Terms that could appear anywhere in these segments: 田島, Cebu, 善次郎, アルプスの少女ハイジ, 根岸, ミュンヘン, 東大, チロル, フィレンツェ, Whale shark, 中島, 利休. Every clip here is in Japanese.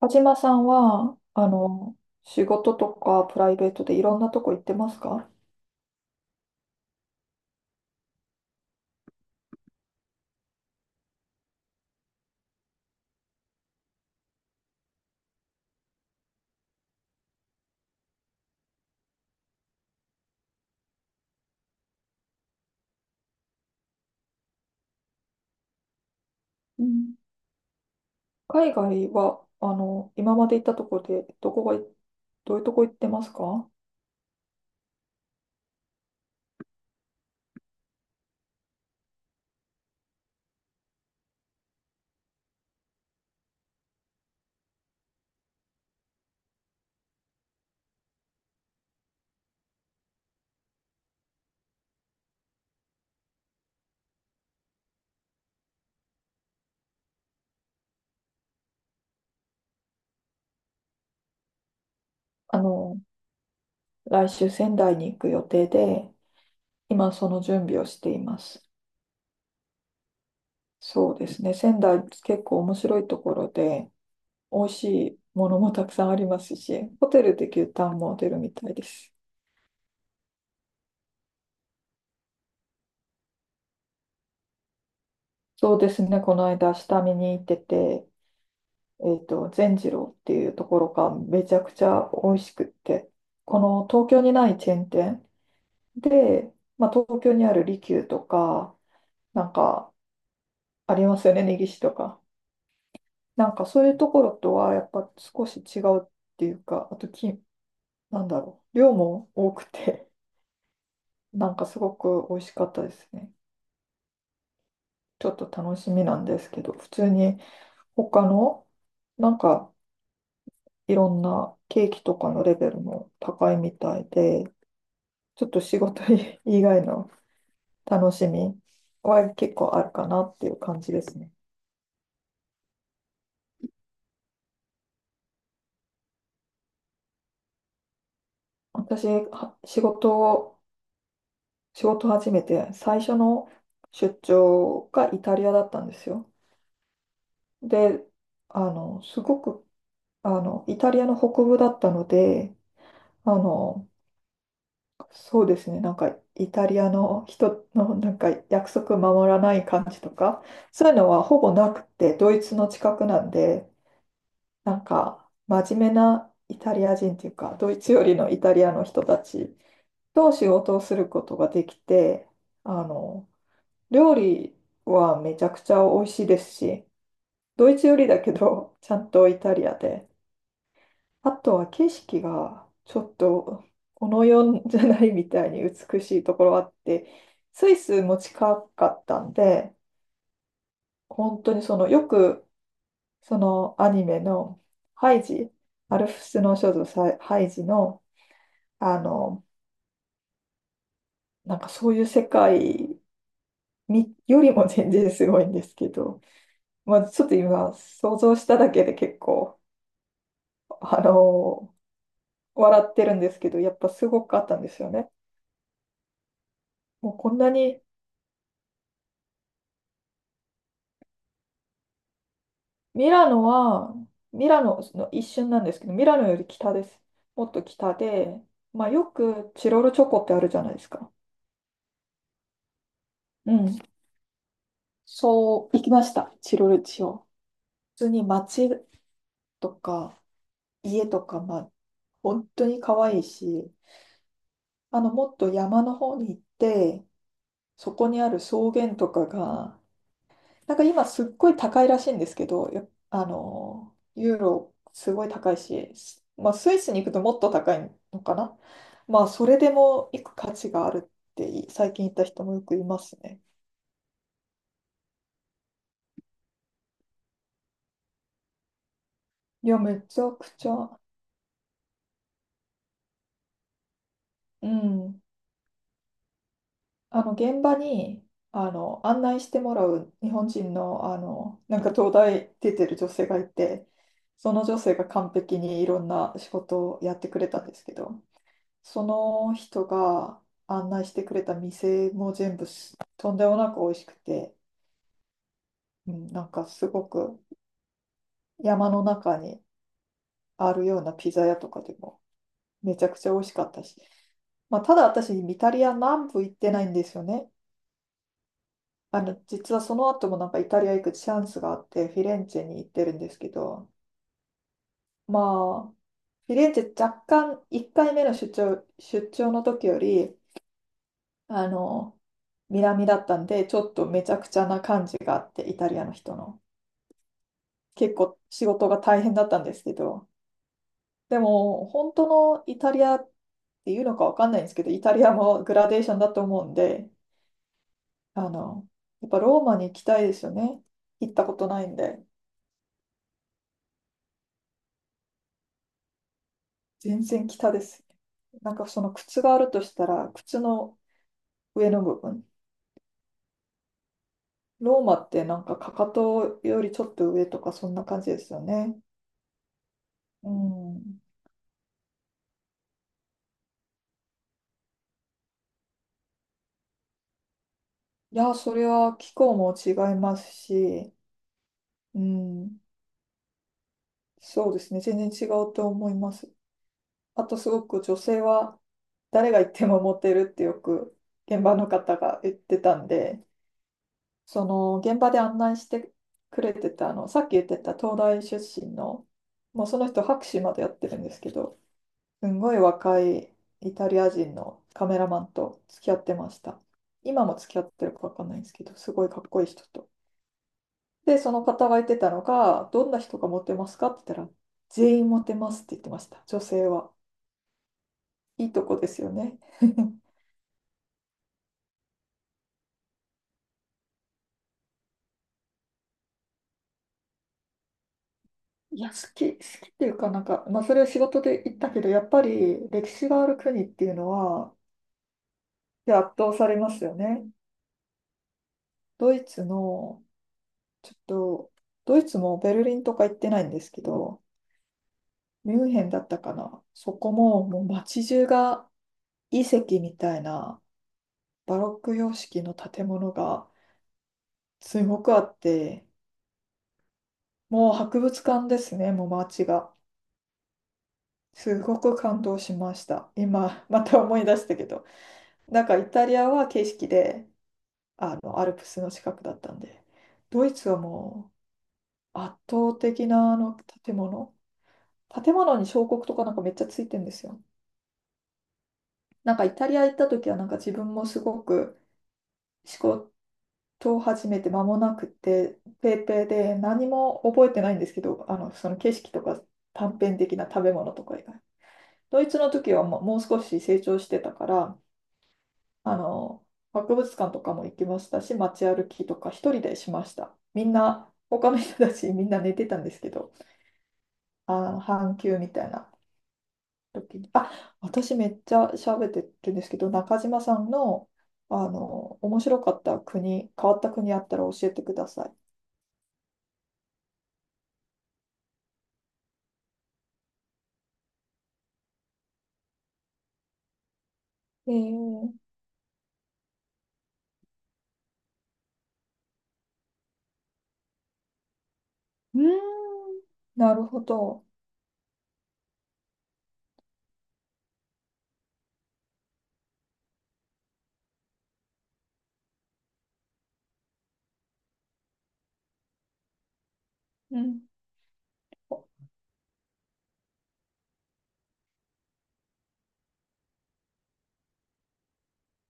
田島さんは、仕事とかプライベートでいろんなとこ行ってますか？うん、海外は、今まで行ったとこで、どういうとこ行ってますか？あの、来週仙台に行く予定で、今その準備をしています。そうですね。仙台結構面白いところで、美味しいものもたくさんありますし、ホテルで牛タンも出るみたいです。そうですね。この間下見に行ってて、善次郎っていうところがめちゃくちゃ美味しくって、この東京にないチェーン店で、まあ、東京にある利休とか、なんかありますよね、根岸とか。なんかそういうところとはやっぱ少し違うっていうか、あとき、なんだろう、量も多くて、なんかすごく美味しかったですね。ちょっと楽しみなんですけど、普通に他の、なんかいろんなケーキとかのレベルも高いみたいで、ちょっと仕事以外の楽しみは結構あるかなっていう感じですね。私、は仕事を始めて最初の出張がイタリアだったんですよ。で、あの、すごく、イタリアの北部だったので、あの、そうですね、なんかイタリアの人の なんか約束守らない感じとか、そういうのはほぼなくて、ドイツの近くなんで、なんか、真面目なイタリア人というか、ドイツよりのイタリアの人たちと仕事をすることができて、あの、料理はめちゃくちゃ美味しいですし、ドイツよりだけど、ちゃんとイタリアで。あとは景色がちょっと、この世じゃないみたいに美しいところあって、スイスも近かったんで、本当にその、よく、そのアニメのハイジ、アルプスの少女ハイジのあの、なんかそういう世界によりも全然すごいんですけど、まあ、ちょっと今想像しただけで結構、あの、笑ってるんですけど、やっぱすごくあったんですよね。もうこんなに、ミラノは、ミラノの一瞬なんですけど、ミラノより北です。もっと北で、まあ、よくチロルチョコってあるじゃないですか。うん。そう、行きました、チロルチを。普通に街とか家とか、まあ、本当に可愛いし、もっと山の方に行って、そこにある草原とかが、なんか今すっごい高いらしいんですけど、やあの、ユーロすごい高いし、まあスイスに行くともっと高いのかな。まあそれでも行く価値があるってい最近行った人もよくいますね。いや、めちゃくちゃ、うん、あの現場にあの案内してもらう日本人の、あのなんか東大出てる女性がいて、その女性が完璧にいろんな仕事をやってくれたんですけど、その人が案内してくれた店も全部すとんでもなく美味しくて、うん、なんかすごく山の中にあるようなピザ屋とかでもめちゃくちゃ美味しかったし、まあ、ただ私イタリア南部行ってないんですよね。実はその後もなんかイタリア行くチャンスがあって、フィレンツェに行ってるんですけど、まあ、フィレンツェ若干1回目の出張の時より、あの、南だったんで、ちょっとめちゃくちゃな感じがあって、イタリアの人の。結構仕事が大変だったんですけど、でも、本当のイタリアっていうのかわかんないんですけど、イタリアもグラデーションだと思うんで、あの、やっぱローマに行きたいですよね。行ったことないんで、全然北です。なんかその靴があるとしたら、靴の上の部分。ローマってなんかかかとよりちょっと上とかそんな感じですよね。うん。いや、それは気候も違いますし、うん。そうですね。全然違うと思います。あとすごく女性は誰が行ってもモテるってよく現場の方が言ってたんで、その現場で案内してくれてたさっき言ってた東大出身の、もうその人博士までやってるんですけど、すんごい若いイタリア人のカメラマンと付き合ってました。今も付き合ってるかわかんないんですけど、すごいかっこいい人と。で、その方が言ってたのが、どんな人がモテますかって言ったら、全員モテますって言ってました、女性は。いいとこですよね。いや、好きっていうかなんか、まあ、それは仕事で言ったけど、やっぱり歴史がある国っていうのは、いや圧倒されますよね。ドイツの、ちょっと、ドイツもベルリンとか行ってないんですけど、ミュンヘンだったかな。そこも、もう街中が遺跡みたいなバロック様式の建物がすごくあって、もう博物館ですね、もう街が。すごく感動しました。今、また思い出したけど。なんかイタリアは景色で、アルプスの近くだったんで、ドイツはもう圧倒的なあの建物。建物に彫刻とかなんかめっちゃついてんですよ。なんかイタリア行った時はなんか自分もすごく思考と始めて間もなくて、ペーペーで何も覚えてないんですけど、その景色とか短編的な食べ物とか以外。ドイツの時はもう少し成長してたから、あの、博物館とかも行きましたし、街歩きとか一人でしました。みんな、他の人たちみんな寝てたんですけど、半休みたいな時に、あ、私めっちゃ喋ってるんですけど、中島さんの、面白かった国、変わった国あったら教えてください。えーうーん、なるほど。うん、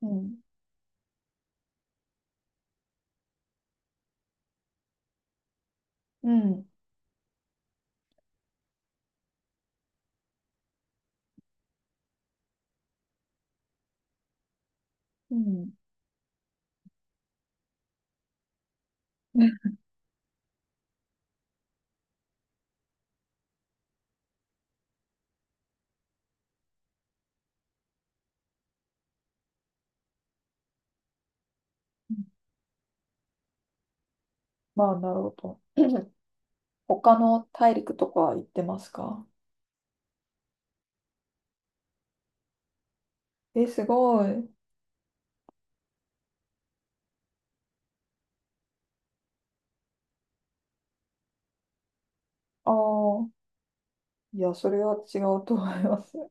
うん、うん、うん。まあ、なるほど。他の大陸とか行ってますか？え、すごい。ああ、いや、それは違うと思います。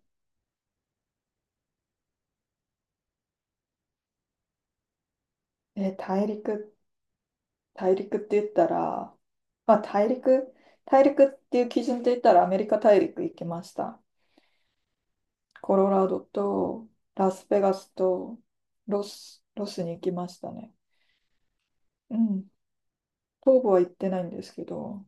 え、大陸って言ったら、まあ、大陸っていう基準で言ったらアメリカ大陸行きました。コロラドとラスベガスとロスに行きましたね。うん。東部は行ってないんですけど、